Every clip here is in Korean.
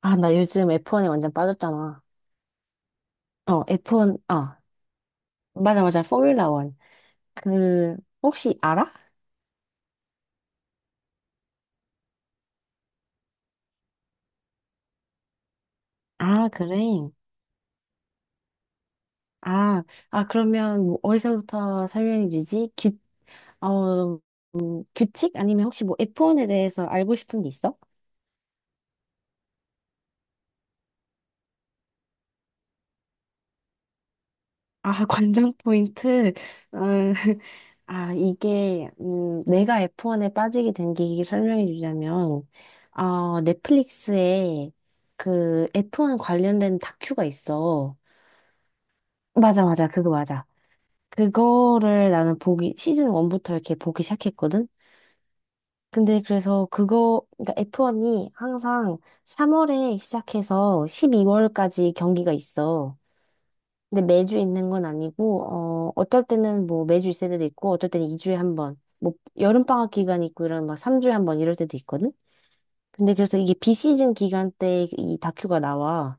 아, 나 요즘 F1에 완전 빠졌잖아. F1, 아, 맞아, 맞아. 포뮬라 원 그, 혹시 알아? 아, 그래. 아, 아, 그러면 뭐 어디서부터 설명해 주지? 어, 규칙? 아니면 혹시 뭐 F1에 대해서 알고 싶은 게 있어? 아, 관전 포인트. 음, 아, 이게, 내가 F1에 빠지게 된 계기 설명해 주자면, 넷플릭스에 그 F1 관련된 다큐가 있어. 맞아, 맞아. 그거 맞아. 그거를 나는 시즌 1부터 이렇게 보기 시작했거든? 근데 그래서 그러니까 F1이 항상 3월에 시작해서 12월까지 경기가 있어. 근데 매주 있는 건 아니고, 어떨 때는 뭐 매주 있을 때도 있고, 어떨 때는 2주에 한 번, 뭐 여름방학 기간 있고 이런 막 3주에 한 번 이럴 때도 있거든? 근데 그래서 이게 비시즌 기간 때 이 다큐가 나와.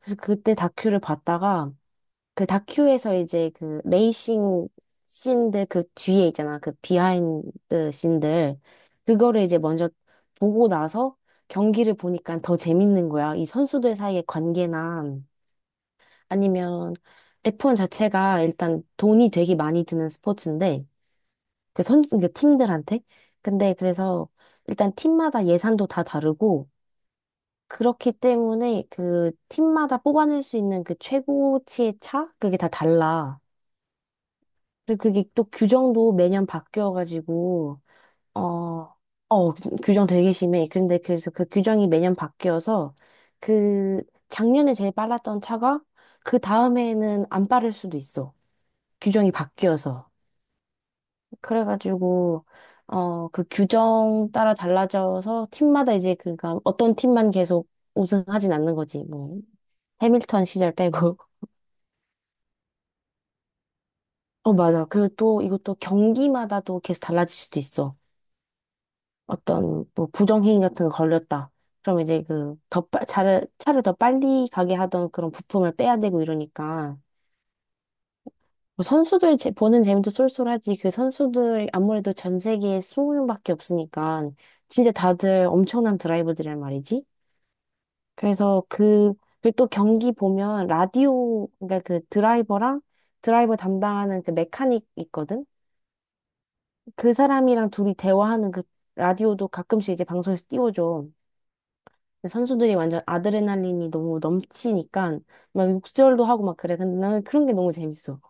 그래서 그때 다큐를 봤다가, 그 다큐에서 이제 그 레이싱 씬들 그 뒤에 있잖아. 그 비하인드 씬들. 그거를 이제 먼저 보고 나서 경기를 보니까 더 재밌는 거야. 이 선수들 사이의 관계나 아니면 F1 자체가 일단 돈이 되게 많이 드는 스포츠인데 그 팀들한테. 근데 그래서 일단 팀마다 예산도 다 다르고 그렇기 때문에 그 팀마다 뽑아낼 수 있는 그 최고치의 차? 그게 다 달라. 그리고 그게 또 규정도 매년 바뀌어가지고, 어, 규정 되게 심해. 그런데 그래서 그 규정이 매년 바뀌어서, 그, 작년에 제일 빨랐던 차가, 그 다음에는 안 빠를 수도 있어. 규정이 바뀌어서. 그래가지고, 그 규정 따라 달라져서, 팀마다 이제, 그니까, 어떤 팀만 계속 우승하진 않는 거지, 뭐. 해밀턴 시절 빼고. 어, 맞아. 그리고 또, 이것도 경기마다 또 계속 달라질 수도 있어. 어떤 뭐 부정행위 같은 거 걸렸다. 그럼 이제 그 차를 더 빨리 가게 하던 그런 부품을 빼야 되고 이러니까 뭐 보는 재미도 쏠쏠하지 그 선수들 아무래도 전 세계에 2용명밖에 없으니까 진짜 다들 엄청난 드라이버들이란 말이지. 그래서 그, 그리고 또 경기 보면 라디오, 그러니까 그 드라이버랑 드라이버 담당하는 그 메카닉 있거든? 그 사람이랑 둘이 대화하는 그 라디오도 가끔씩 이제 방송에서 띄워줘. 근데 선수들이 완전 아드레날린이 너무 넘치니까 막 욕설도 하고 막 그래. 근데 나는 그런 게 너무 재밌어.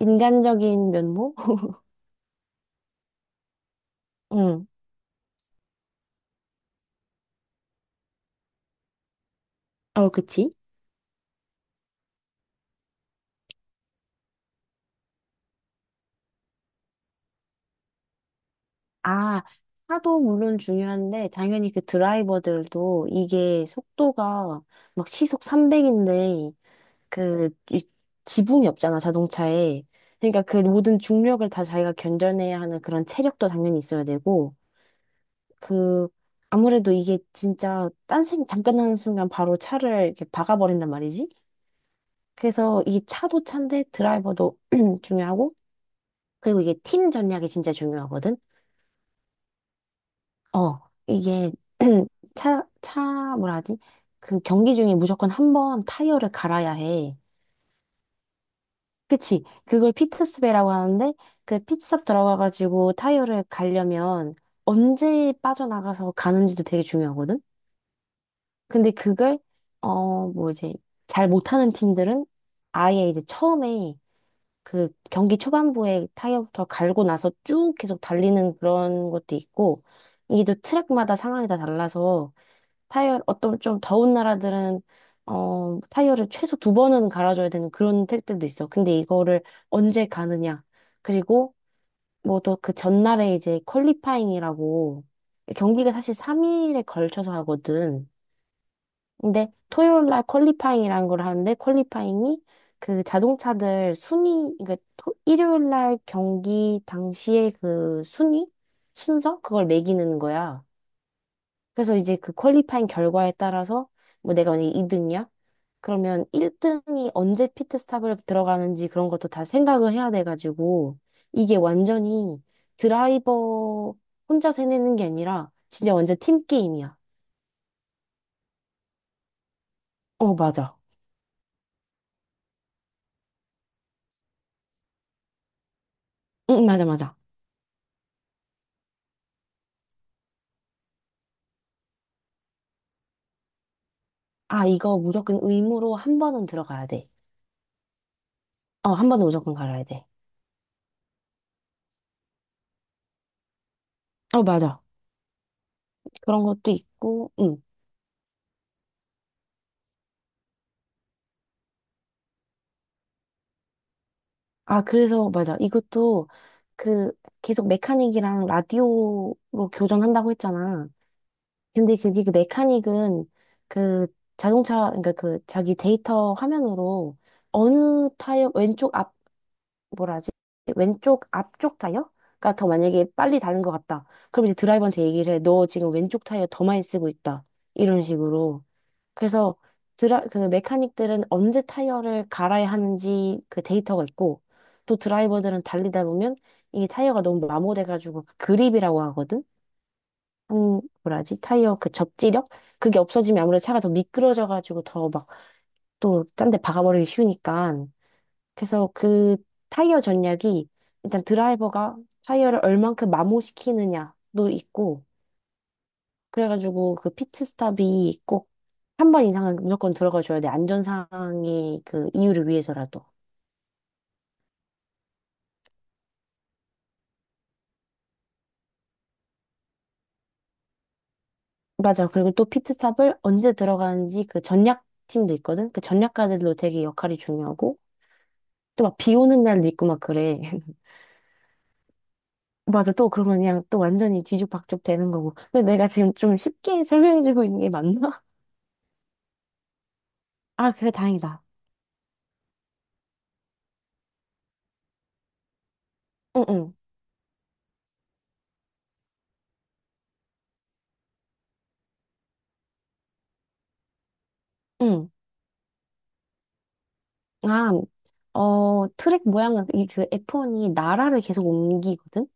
인간적인 면모? 응. 어, 그치? 아, 차도 물론 중요한데 당연히 그 드라이버들도 이게 속도가 막 시속 300인데 그 이- 지붕이 없잖아, 자동차에. 그러니까 그 모든 중력을 다 자기가 견뎌내야 하는 그런 체력도 당연히 있어야 되고 그 아무래도 이게 진짜 딴 생 잠깐 하는 순간 바로 차를 이렇게 박아버린단 말이지. 그래서 이 차도 차인데 드라이버도 중요하고 그리고 이게 팀 전략이 진짜 중요하거든. 어 이게 차 차 뭐라 하지? 그 경기 중에 무조건 한번 타이어를 갈아야 해. 그치? 그걸 피트스베라고 하는데 그 피트스톱 들어가가지고 타이어를 갈려면 언제 빠져나가서 가는지도 되게 중요하거든. 근데 그걸 뭐 이제 잘 못하는 팀들은 아예 이제 처음에 그 경기 초반부에 타이어부터 갈고 나서 쭉 계속 달리는 그런 것도 있고 이게 또 트랙마다 상황이 다 달라서 타이어 어떤 좀 더운 나라들은 타이어를 최소 두 번은 갈아줘야 되는 그런 트랙들도 있어. 근데 이거를 언제 가느냐 그리고 뭐 또 그 전날에 이제 퀄리파잉이라고 경기가 사실 3일에 걸쳐서 하거든. 근데 토요일 날 퀄리파잉이라는 걸 하는데 퀄리파잉이 그 자동차들 순위 그 일요일 날 경기 당시에 그 순위 순서 그걸 매기는 거야. 그래서 이제 그 퀄리파잉 결과에 따라서 뭐 내가 만약에 2등이야? 그러면 1등이 언제 피트스탑을 들어가는지 그런 것도 다 생각을 해야 돼가지고 이게 완전히 드라이버 혼자 해내는 게 아니라 진짜 완전 팀 게임이야. 어, 맞아. 응, 맞아, 맞아. 아, 이거 무조건 의무로 한 번은 들어가야 돼. 어, 한 번은 무조건 갈아야 돼. 어, 맞아. 그런 것도 있고, 응. 아, 그래서, 맞아. 이것도 그 계속 메카닉이랑 라디오로 교전한다고 했잖아. 근데 그게 그 메카닉은 그 자동차, 그러니까 그 자기 데이터 화면으로 어느 타이어, 왼쪽 앞, 뭐라지? 왼쪽 앞쪽 타이어가 더 만약에 빨리 다른 것 같다. 그럼 이제 드라이버한테 얘기를 해. 너 지금 왼쪽 타이어 더 많이 쓰고 있다. 이런 식으로. 그래서 그 메카닉들은 언제 타이어를 갈아야 하는지 그 데이터가 있고 또 드라이버들은 달리다 보면 이게 타이어가 너무 마모돼가지고 그 그립이라고 하거든? 뭐라지? 타이어 그 접지력? 그게 없어지면 아무래도 차가 더 미끄러져가지고 더 막 또 딴 데 박아버리기 쉬우니까 그래서 그 타이어 전략이 일단 드라이버가 타이어를 얼만큼 마모시키느냐도 있고 그래가지고 그 피트스탑이 꼭 한 번 이상은 무조건 들어가줘야 돼. 안전상의 그 이유를 위해서라도. 맞아. 그리고 또 피트스탑을 언제 들어가는지 그 전략 팀도 있거든. 그 전략가들도 되게 역할이 중요하고 또 막 비 오는 날도 있고 막 그래. 맞아. 또 그러면 그냥 또 완전히 뒤죽박죽 되는 거고. 근데 내가 지금 좀 쉽게 설명해주고 있는 게 맞나? 아, 그래 다행이다. 응응. 응. 응. 아, 트랙 모양은 이 그 F1이 나라를 계속 옮기거든.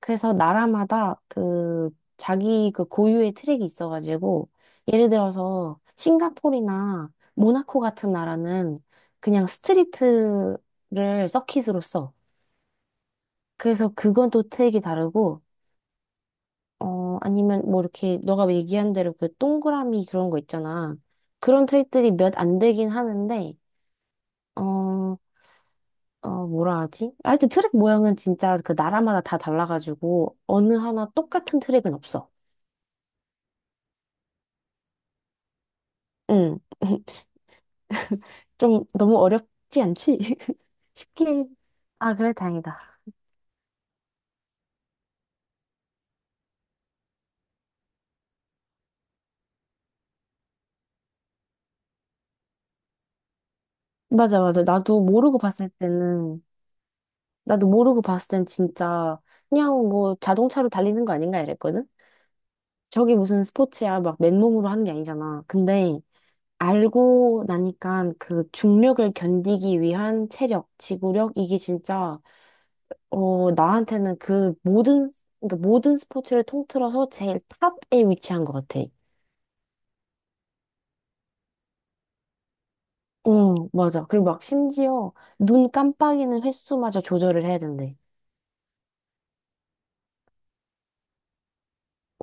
그래서 나라마다 그 자기 그 고유의 트랙이 있어가지고 예를 들어서 싱가포르나 모나코 같은 나라는 그냥 스트리트를 서킷으로 써. 그래서 그건 또 트랙이 다르고 아니면 뭐 이렇게 너가 얘기한 대로 그 동그라미 그런 거 있잖아. 그런 트랙들이 몇 안 되긴 하는데 어 뭐라 하지? 하여튼 트랙 모양은 진짜 그 나라마다 다 달라가지고 어느 하나 똑같은 트랙은 없어. 응. 좀 너무 어렵지 않지? 쉽게. 아, 그래, 다행이다. 맞아, 맞아. 나도 모르고 봤을 때는, 나도 모르고 봤을 땐 진짜 그냥 뭐 자동차로 달리는 거 아닌가 이랬거든? 저게 무슨 스포츠야, 막 맨몸으로 하는 게 아니잖아. 근데 알고 나니까 그 중력을 견디기 위한 체력, 지구력, 이게 진짜, 나한테는 그 모든, 그러니까 모든 스포츠를 통틀어서 제일 탑에 위치한 것 같아. 어, 맞아. 그리고 막 심지어 눈 깜빡이는 횟수마저 조절을 해야 된대.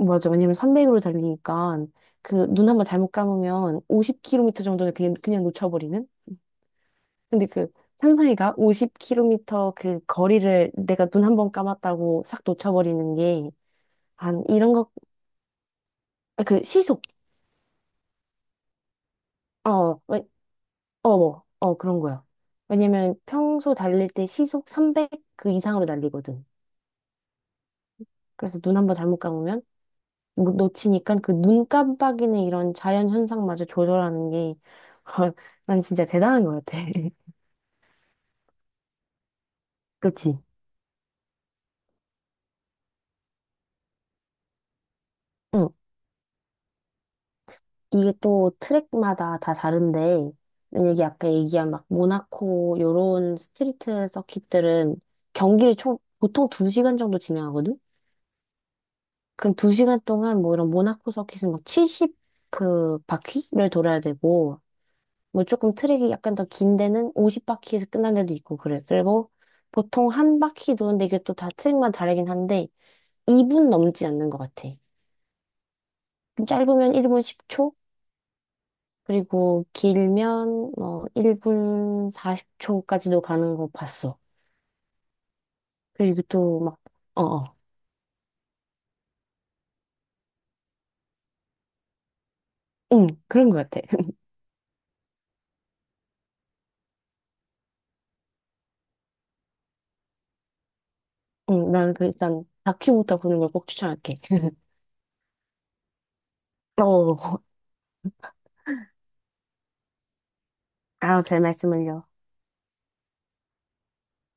맞아. 왜냐면 300으로 달리니까 그 눈 한번 잘못 감으면 50km 정도를 그냥, 놓쳐버리는? 근데 그 상상해가 50km 그 거리를 내가 눈 한번 감았다고 싹 놓쳐버리는 게 한 이런 거, 아, 그 시속. 어, 왜- 뭐, 그런 거야. 왜냐면 평소 달릴 때 시속 300 그 이상으로 달리거든. 그래서 눈 한번 잘못 감으면 뭐 놓치니까 그 눈 깜빡이는 이런 자연 현상마저 조절하는 게, 난 진짜 대단한 것 같아. 그치? 응. 이게 또 트랙마다 다 다른데, 만약에 아까 얘기한 막 모나코 요런 스트리트 서킷들은 경기를 총, 보통 2시간 정도 진행하거든? 그럼 2시간 동안 뭐 이런 모나코 서킷은 막 70 그 바퀴를 돌아야 되고, 뭐 조금 트랙이 약간 더 긴 데는 50바퀴에서 끝난 데도 있고 그래. 그리고 보통 한 바퀴 도는데 이게 또 다 트랙마다 다르긴 한데 2분 넘지 않는 것 같아. 좀 짧으면 1분 10초, 그리고 길면 뭐 1분 40초까지도 가는 거 봤어. 그리고 또 막, 어, 어. 응, 그런 것 같아. 응, 나는 그 일단 다큐부터 보는 걸 꼭 추천할게. 어, 아, 별 말씀을요.